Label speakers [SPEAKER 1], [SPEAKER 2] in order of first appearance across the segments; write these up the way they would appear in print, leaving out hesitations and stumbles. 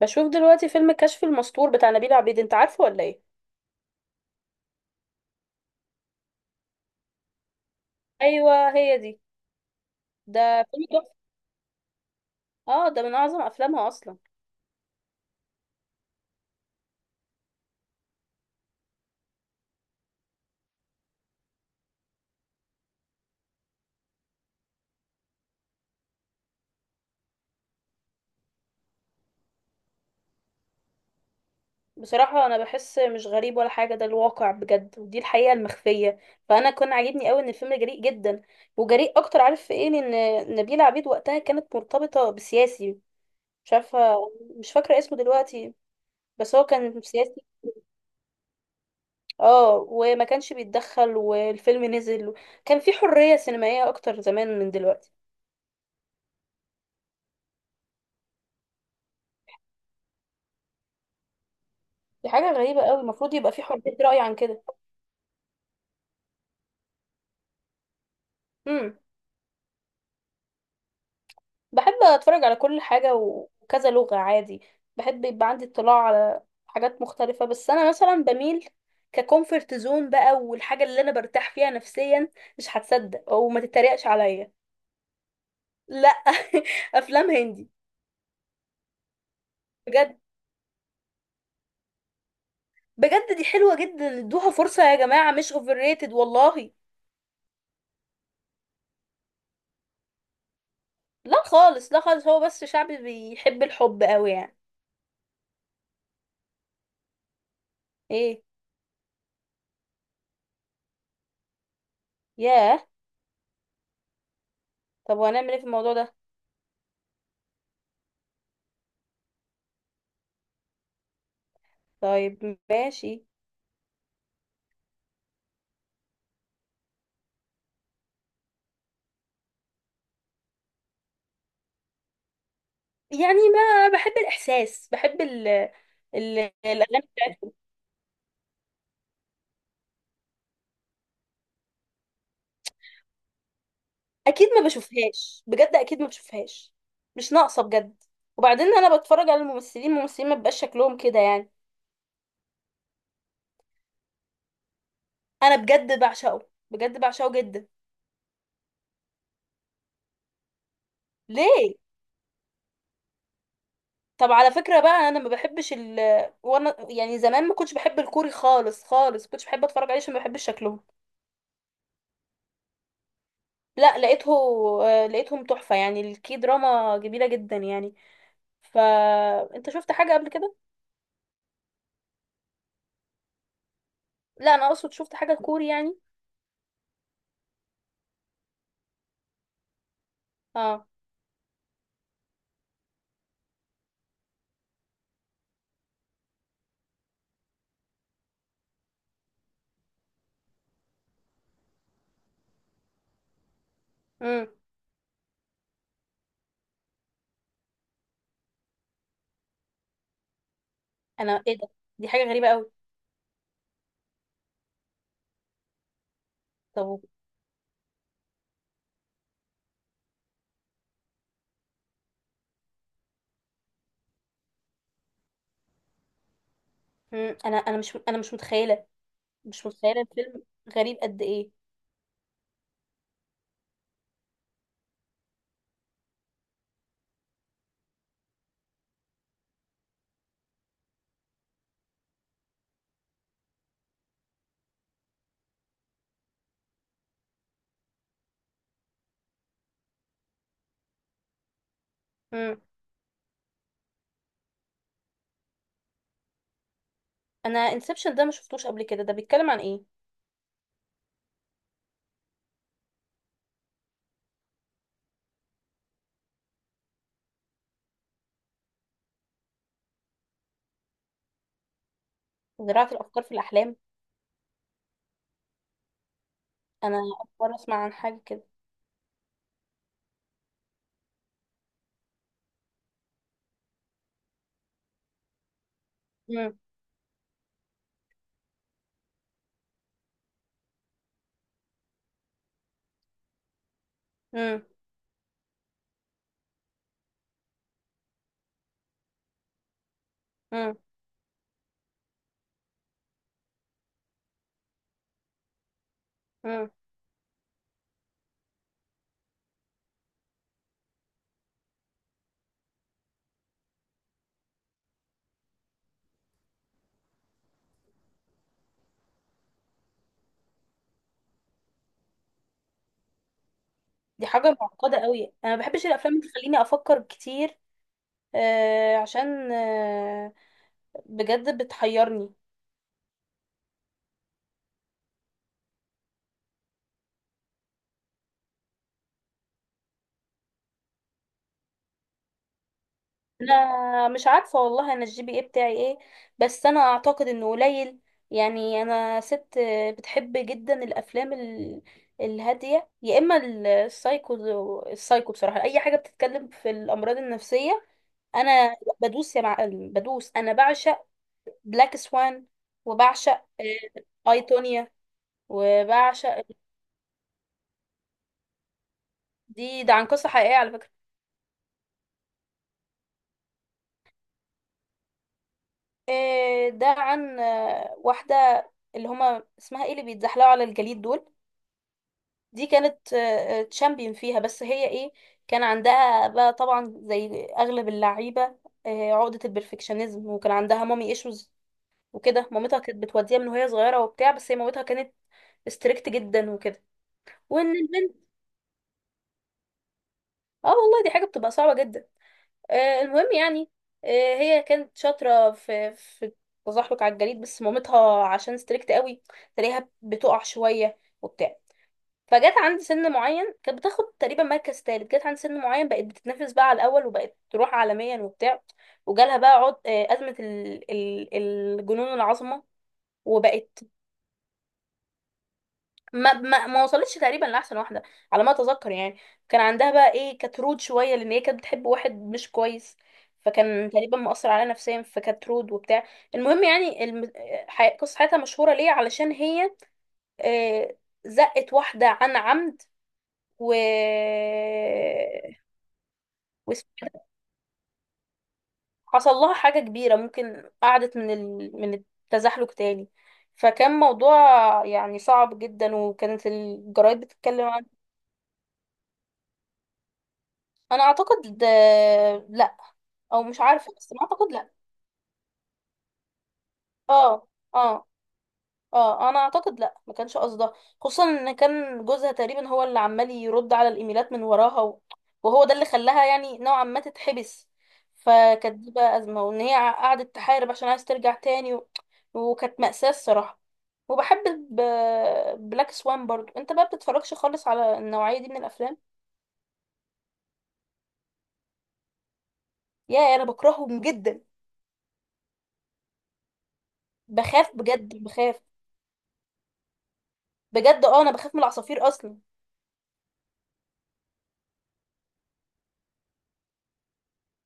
[SPEAKER 1] بشوف دلوقتي فيلم كشف المستور بتاع نبيل عبيد، انت عارفه ولا ايه؟ ايوه هي دي. ده فيلم تحفه. اه ده من اعظم افلامها اصلا. بصراحه انا بحس مش غريب ولا حاجه، ده الواقع بجد، ودي الحقيقه المخفيه. فانا كان عاجبني قوي ان الفيلم جريء جدا، وجريء اكتر، عارف في ايه؟ لان نبيلة عبيد وقتها كانت مرتبطه بسياسي. مش عارفه، مش فاكره اسمه دلوقتي، بس هو كان سياسي. اه وما كانش بيتدخل والفيلم نزل. كان في حريه سينمائيه اكتر زمان من دلوقتي. دي حاجة غريبة قوي، المفروض يبقى في حرية رأي عن كده. امم. بحب اتفرج على كل حاجة وكذا لغة عادي. بحب يبقى عندي اطلاع على حاجات مختلفة، بس انا مثلا بميل ككومفورت زون بقى، والحاجة اللي انا برتاح فيها نفسيا مش هتصدق او ما تتريقش عليا. لا. افلام هندي. بجد، بجد دي حلوة جدا، ادوها فرصة يا جماعة، مش اوفر ريتد والله. لا خالص، لا خالص، هو بس شعبي بيحب الحب قوي يعني. ايه؟ ياه. طب وهنعمل ايه في الموضوع ده؟ طيب ماشي. يعني ما بحب الإحساس، بحب ال ال الأغاني بتاعتهم. أكيد ما بشوفهاش بجد، أكيد ما بشوفهاش، مش ناقصة بجد. وبعدين أنا بتفرج على الممثلين، الممثلين ما بيبقاش شكلهم كده يعني. أنا بجد بعشقه، بجد بعشقه جدا. ليه؟ طب على فكرة بقى، أنا ما بحبش وأنا يعني زمان ما كنتش بحب الكوري خالص، خالص ما كنتش بحب أتفرج عليه عشان ما بحبش شكلهم. لا لقيته. لقيتهم تحفة يعني، الكي دراما جميلة جدا يعني. فانت شفت حاجة قبل كده؟ لا، انا اقصد شفت حاجة كوري يعني. اه. امم. انا ايه ده، دي حاجة غريبة قوي. طب. امم. انا مش متخيلة، مش متخيلة الفيلم. غريب قد ايه؟ امم. انا انسبشن ده ما شفتوش قبل كده، ده بيتكلم عن ايه؟ زراعة الافكار في الاحلام. انا اول مرة اسمع عن حاجة كده. امم. امم. امم. امم. دي حاجة معقدة قوي، انا ما بحبش الافلام اللي تخليني افكر كتير. عشان بجد بتحيرني. انا مش عارفه والله، انا الجي بي اي بتاعي ايه؟ بس انا اعتقد انه قليل. يعني انا ست بتحب جدا الافلام الهاديه يا اما السايكو. السايكو بصراحه اي حاجه بتتكلم في الامراض النفسيه. انا بدوس يا معلم بدوس، انا بعشق بلاك سوان، وبعشق ايتونيا، وبعشق. ده عن قصه حقيقيه على فكره. ده عن واحده، اللي هما اسمها ايه، اللي بيتزحلقوا على الجليد دول. دي كانت تشامبيون فيها، بس هي ايه، كان عندها بقى طبعا زي اغلب اللعيبه عقده البرفكشنزم، وكان عندها مامي ايشوز وكده. مامتها كانت بتوديها من وهي صغيره وبتاع، بس هي مامتها كانت ستريكت جدا وكده. وان البنت، اه والله دي حاجه بتبقى صعبه جدا. المهم يعني، آه، هي كانت شاطره في التزحلق على الجليد، بس مامتها عشان ستريكت قوي تلاقيها بتقع شويه وبتاع. فجت عند سن معين كانت بتاخد تقريبا مركز تالت، جت عند سن معين بقت بتتنافس بقى على الاول وبقت تروح عالميا وبتاع. وجالها بقى عد... آه، ازمه الجنون العظمه. وبقت ما وصلتش تقريبا لاحسن واحده، على ما اتذكر يعني. كان عندها بقى ايه، كانت رود شويه لان هي كانت بتحب واحد مش كويس. فكان تقريبا مأثر عليها نفسيا فكانت رود وبتاع. المهم يعني قصة حياتها مشهورة ليه علشان هي آه، زقت واحدة عن عمد. و وس- حصل لها حاجة كبيرة، ممكن قعدت من التزحلق تاني. فكان موضوع يعني صعب جدا، وكانت الجرايد بتتكلم عنه. انا اعتقد لا، او مش عارفة، بس ما اعتقد لا. اه، اه، اه، انا اعتقد لا، ما كانش قصدها. خصوصا ان كان جوزها تقريبا هو اللي عمال يرد على الايميلات من وراها وهو ده اللي خلاها يعني نوعا ما تتحبس. فكانت دي بقى ازمه، وان هي قعدت تحارب عشان عايز ترجع تاني وكانت مأساة الصراحه. وبحب ب... بلاك سوان برضو، انت بقى بتتفرجش خالص على النوعيه دي من الافلام؟ يا انا بكرههم جدا. بخاف بجد، بخاف. بجد انا بخاف من العصافير اصلا.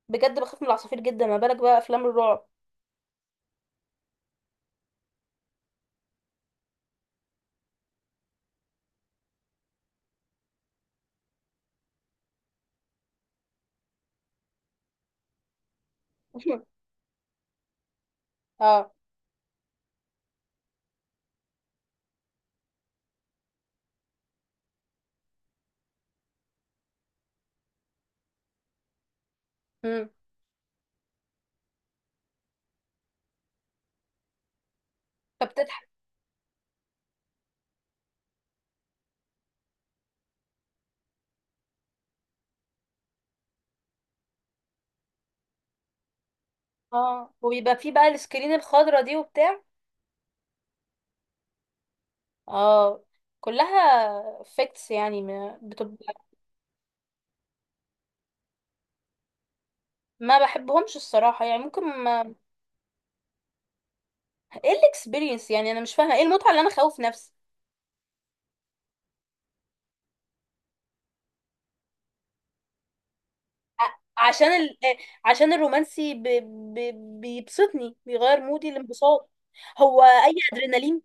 [SPEAKER 1] بجد بخاف من العصافير جدا، ما بالك بقى افلام الرعب. اه. مم. فبتضحك. اه، وبيبقى فيه بقى السكرين الخضرا دي وبتاع. اه كلها افكتس يعني ما بتبقى. ما بحبهمش الصراحة يعني، ممكن ما... ايه الاكسبيرينس، يعني انا مش فاهمة ايه المتعة اللي انا خوف نفسي. ع- عشان ال... آه، عشان الرومانسي ب... بيبسطني، بيغير مودي الانبساط. هو اي ادرينالين.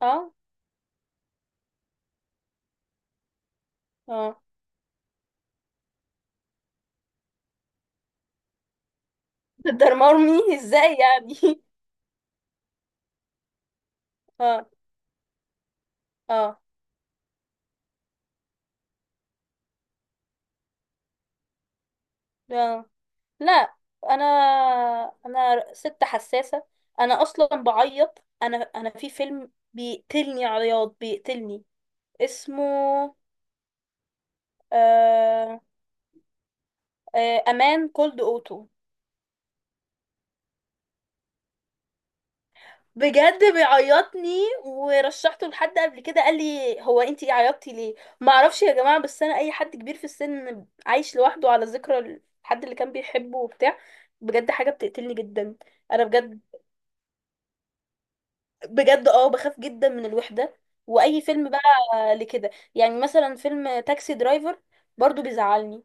[SPEAKER 1] اه. اه. درمرني ازاي يعني. اه. اه. لا، انا انا ست حساسه. انا اصلا بعيط، انا في فيلم بيقتلني عياط بيقتلني. اسمه آه امان كولد اوتو. بجد بيعيطني، ورشحته لحد قبل كده قال لي هو انتي عيطتي ليه. ما اعرفش يا جماعه، بس انا اي حد كبير في السن عايش لوحده على ذكرى الحد اللي كان بيحبه وبتاع، بجد حاجه بتقتلني جدا. انا بجد، بجد بخاف جدا من الوحدة. واي فيلم بقى لكده يعني، مثلا فيلم تاكسي درايفر برضو بيزعلني.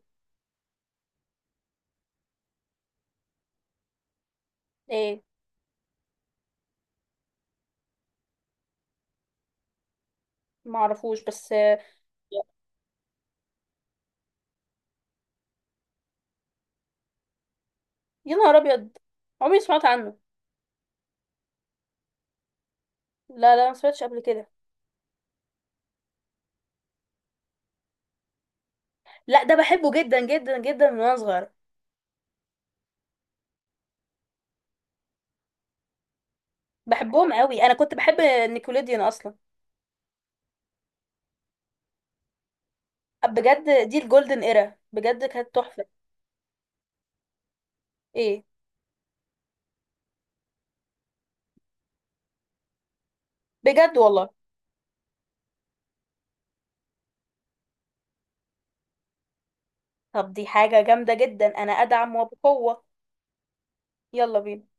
[SPEAKER 1] ايه؟ معرفوش بس يا نهار ابيض، عمري ما سمعت عنه. لا، لا ما سمعتش قبل كده. لا ده بحبه جدا جدا جدا من وانا صغيرة. بحبهم قوي، انا كنت بحب نيكوليديان اصلا. بجد دي الجولدن ايرا، بجد كانت تحفة. ايه؟ بجد والله. طب دي حاجة جامدة جدا، انا ادعم وبقوة. يلا بينا.